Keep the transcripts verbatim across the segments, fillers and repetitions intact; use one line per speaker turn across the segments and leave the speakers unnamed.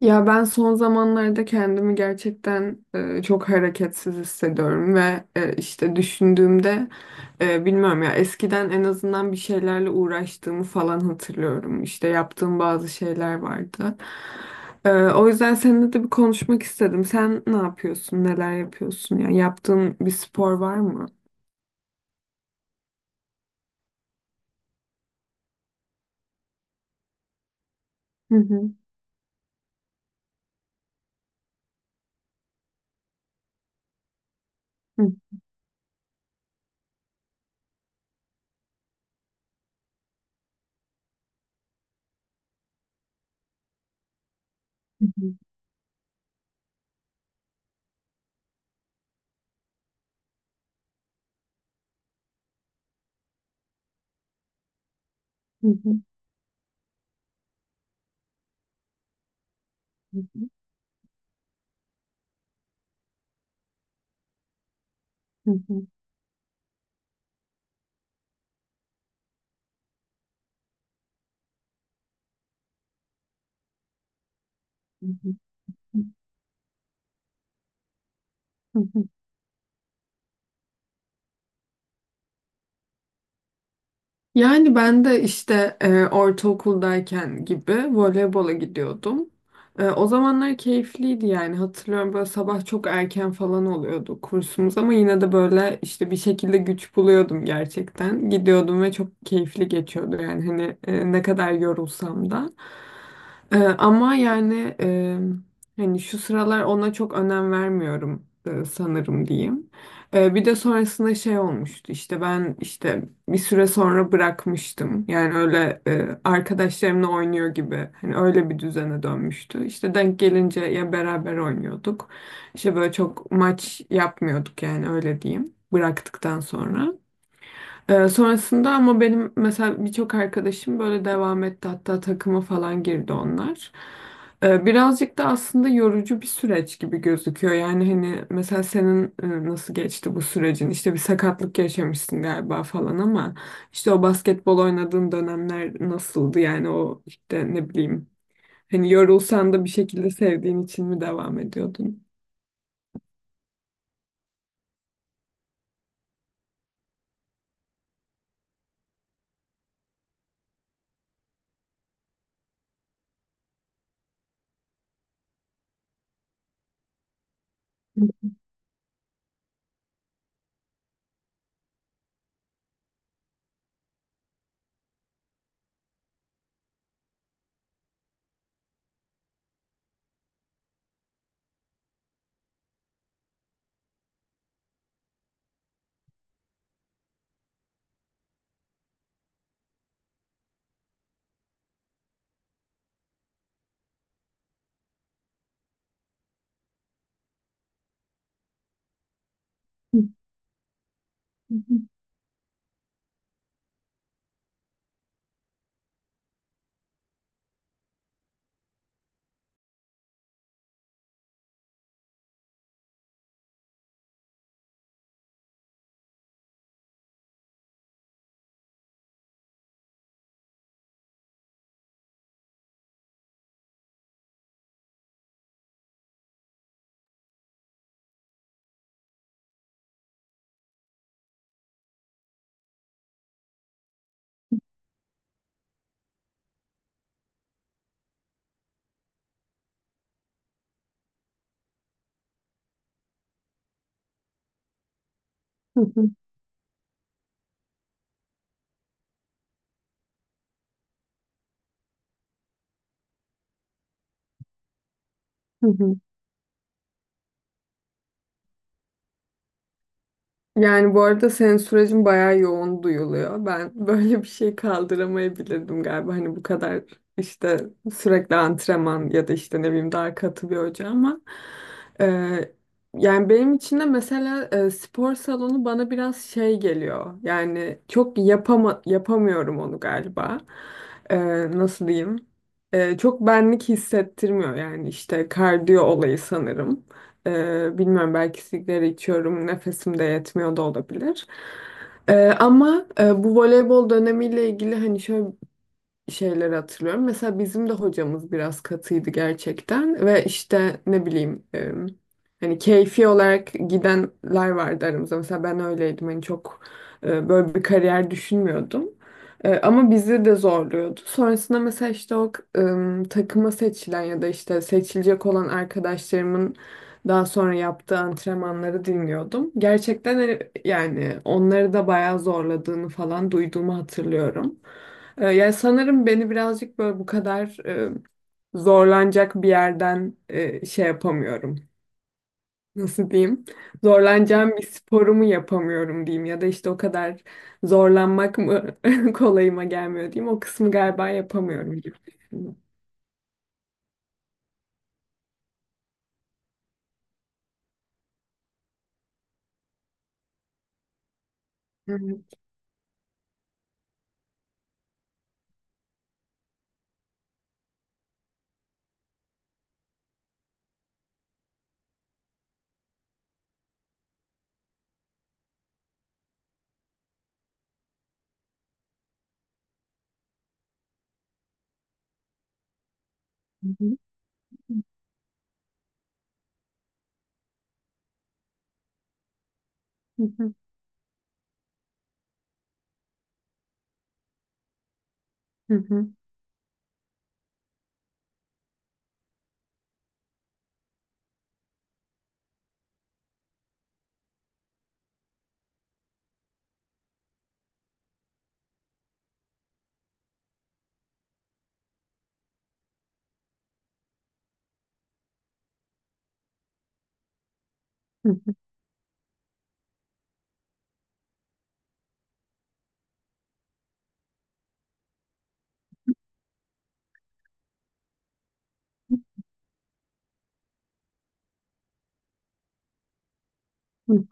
Ya ben son zamanlarda kendimi gerçekten e, çok hareketsiz hissediyorum ve e, işte düşündüğümde e, bilmiyorum ya, eskiden en azından bir şeylerle uğraştığımı falan hatırlıyorum. İşte yaptığım bazı şeyler vardı. E, o yüzden seninle de bir konuşmak istedim. Sen ne yapıyorsun? Neler yapıyorsun? Yani yaptığın bir spor var mı? Hı hı. Hı hı. Hı hı. Hı hı. Hı hı. Hı hı. Yani ben de işte e, ortaokuldayken gibi voleybola gidiyordum. E, o zamanlar keyifliydi yani, hatırlıyorum böyle sabah çok erken falan oluyordu kursumuz, ama yine de böyle işte bir şekilde güç buluyordum gerçekten. Gidiyordum ve çok keyifli geçiyordu yani, hani e, ne kadar yorulsam da. E, ama yani e, hani şu sıralar ona çok önem vermiyorum e, sanırım diyeyim. Ee, bir de sonrasında şey olmuştu, işte ben işte bir süre sonra bırakmıştım. Yani öyle e, arkadaşlarımla oynuyor gibi. Hani öyle bir düzene dönmüştü. İşte denk gelince ya beraber oynuyorduk. İşte böyle çok maç yapmıyorduk yani, öyle diyeyim. Bıraktıktan sonra. Ee, sonrasında ama benim mesela birçok arkadaşım böyle devam etti, hatta takıma falan girdi onlar. Ee, birazcık da aslında yorucu bir süreç gibi gözüküyor. Yani hani mesela senin e, nasıl geçti bu sürecin? İşte bir sakatlık yaşamışsın galiba falan ama işte o basketbol oynadığın dönemler nasıldı? Yani o işte, ne bileyim, hani yorulsan da bir şekilde sevdiğin için mi devam ediyordun? Yani bu arada senin sürecin bayağı yoğun duyuluyor. Ben böyle bir şey kaldıramayabilirdim galiba. Hani bu kadar işte sürekli antrenman ya da işte ne bileyim daha katı bir hoca, ama e, yani benim için de mesela e, spor salonu bana biraz şey geliyor. Yani çok yapama, yapamıyorum onu galiba. E, Nasıl diyeyim? E, çok benlik hissettirmiyor yani, işte kardiyo olayı sanırım. Ee, bilmiyorum, belki sigara içiyorum, nefesim de yetmiyor da olabilir. Ee, ama e, bu voleybol dönemiyle ilgili hani şöyle şeyleri hatırlıyorum. Mesela bizim de hocamız biraz katıydı gerçekten ve işte, ne bileyim e, hani keyfi olarak gidenler vardı aramızda. Mesela ben öyleydim, hani çok e, böyle bir kariyer düşünmüyordum. E, ama bizi de zorluyordu. Sonrasında mesela işte o e, takıma seçilen ya da işte seçilecek olan arkadaşlarımın daha sonra yaptığı antrenmanları dinliyordum. Gerçekten hani, yani onları da bayağı zorladığını falan duyduğumu hatırlıyorum. Ee, Yani sanırım beni birazcık böyle bu kadar e, zorlanacak bir yerden e, şey yapamıyorum. Nasıl diyeyim? Zorlanacağım bir sporumu yapamıyorum diyeyim, ya da işte o kadar zorlanmak mı kolayıma gelmiyor diyeyim. O kısmı galiba yapamıyorum gibi düşünüyorum. Evet. Hı hı. Hı hı. Hı hı. Hı hı.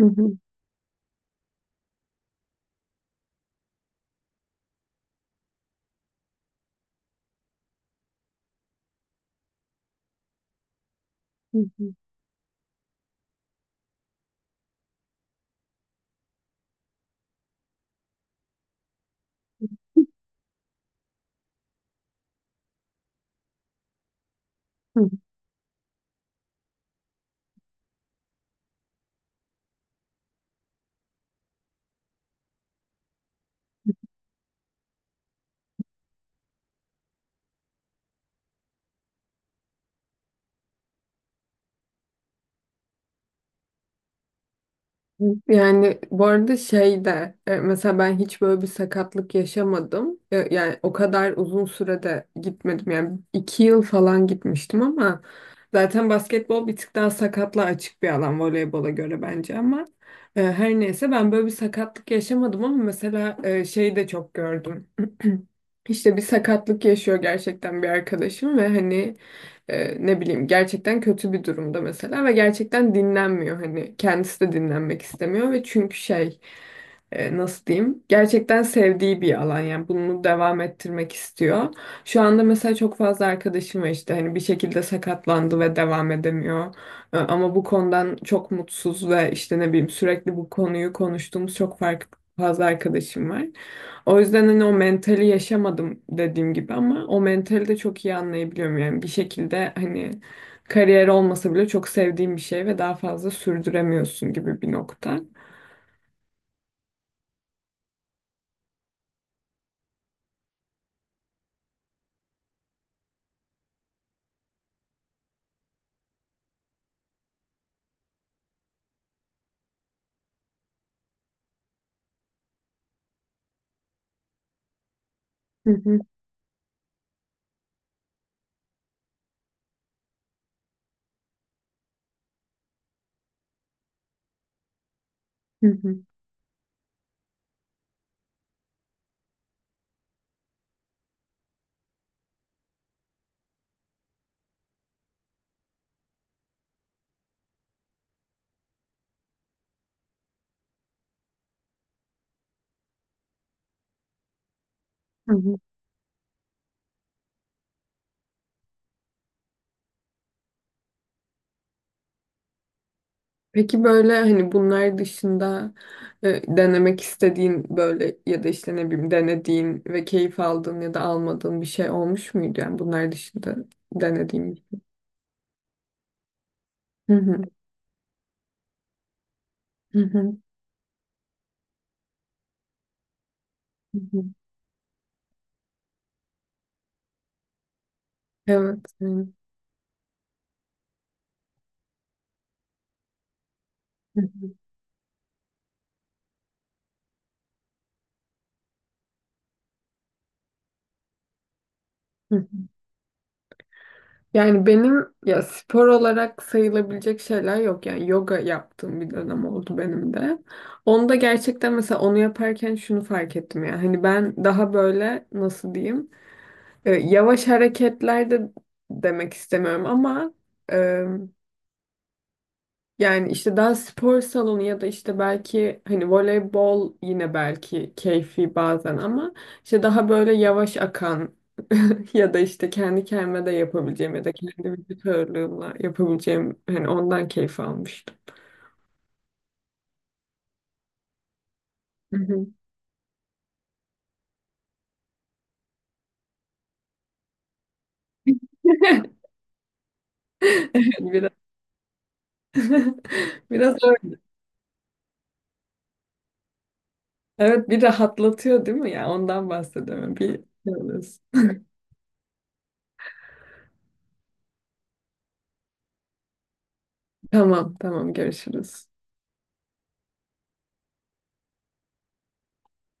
Hı hı. Hı hı. Yani bu arada şey de, e, mesela ben hiç böyle bir sakatlık yaşamadım. E, yani o kadar uzun sürede gitmedim. Yani iki yıl falan gitmiştim, ama zaten basketbol bir tık daha sakatlığa açık bir alan voleybola göre bence, ama e, her neyse, ben böyle bir sakatlık yaşamadım, ama mesela e, şey de çok gördüm. İşte bir sakatlık yaşıyor gerçekten bir arkadaşım, ve hani e, ne bileyim, gerçekten kötü bir durumda mesela, ve gerçekten dinlenmiyor, hani kendisi de dinlenmek istemiyor, ve çünkü şey, e, nasıl diyeyim, gerçekten sevdiği bir alan, yani bunu devam ettirmek istiyor. Şu anda mesela çok fazla arkadaşım var, işte hani bir şekilde sakatlandı ve devam edemiyor. E, ama bu konudan çok mutsuz ve işte, ne bileyim, sürekli bu konuyu konuştuğumuz çok farklı fazla arkadaşım var. O yüzden hani o mentali yaşamadım dediğim gibi, ama o mentali de çok iyi anlayabiliyorum. Yani bir şekilde hani kariyer olmasa bile çok sevdiğim bir şey ve daha fazla sürdüremiyorsun gibi bir nokta. Hı hı, hı hı, hı hı. Peki böyle hani bunlar dışında e, denemek istediğin, böyle ya da işte ne bileyim, denediğin ve keyif aldığın ya da almadığın bir şey olmuş muydu? Yani bunlar dışında denediğin bir. Hı hı, hı hı, hı hı. Evet. Hı hı, hı hı, hı Yani benim ya spor olarak sayılabilecek şeyler yok. Yani yoga yaptığım bir dönem oldu benim de. Onu da gerçekten, mesela onu yaparken şunu fark ettim ya. Hani ben daha böyle nasıl diyeyim? E, Yavaş hareketler de demek istemiyorum ama, e, yani işte daha spor salonu ya da işte belki hani voleybol yine belki keyfi bazen ama işte daha böyle yavaş akan, ya da işte kendi kendime de yapabileceğim ya da kendi vücut ağırlığımla yapabileceğim, hani ondan keyif almıştım. Hı hı. Evet, biraz biraz öyle. Evet, bir rahatlatıyor değil mi, ya ondan bahsediyorum, bir şey oluyorsun. Tamam, tamam, görüşürüz.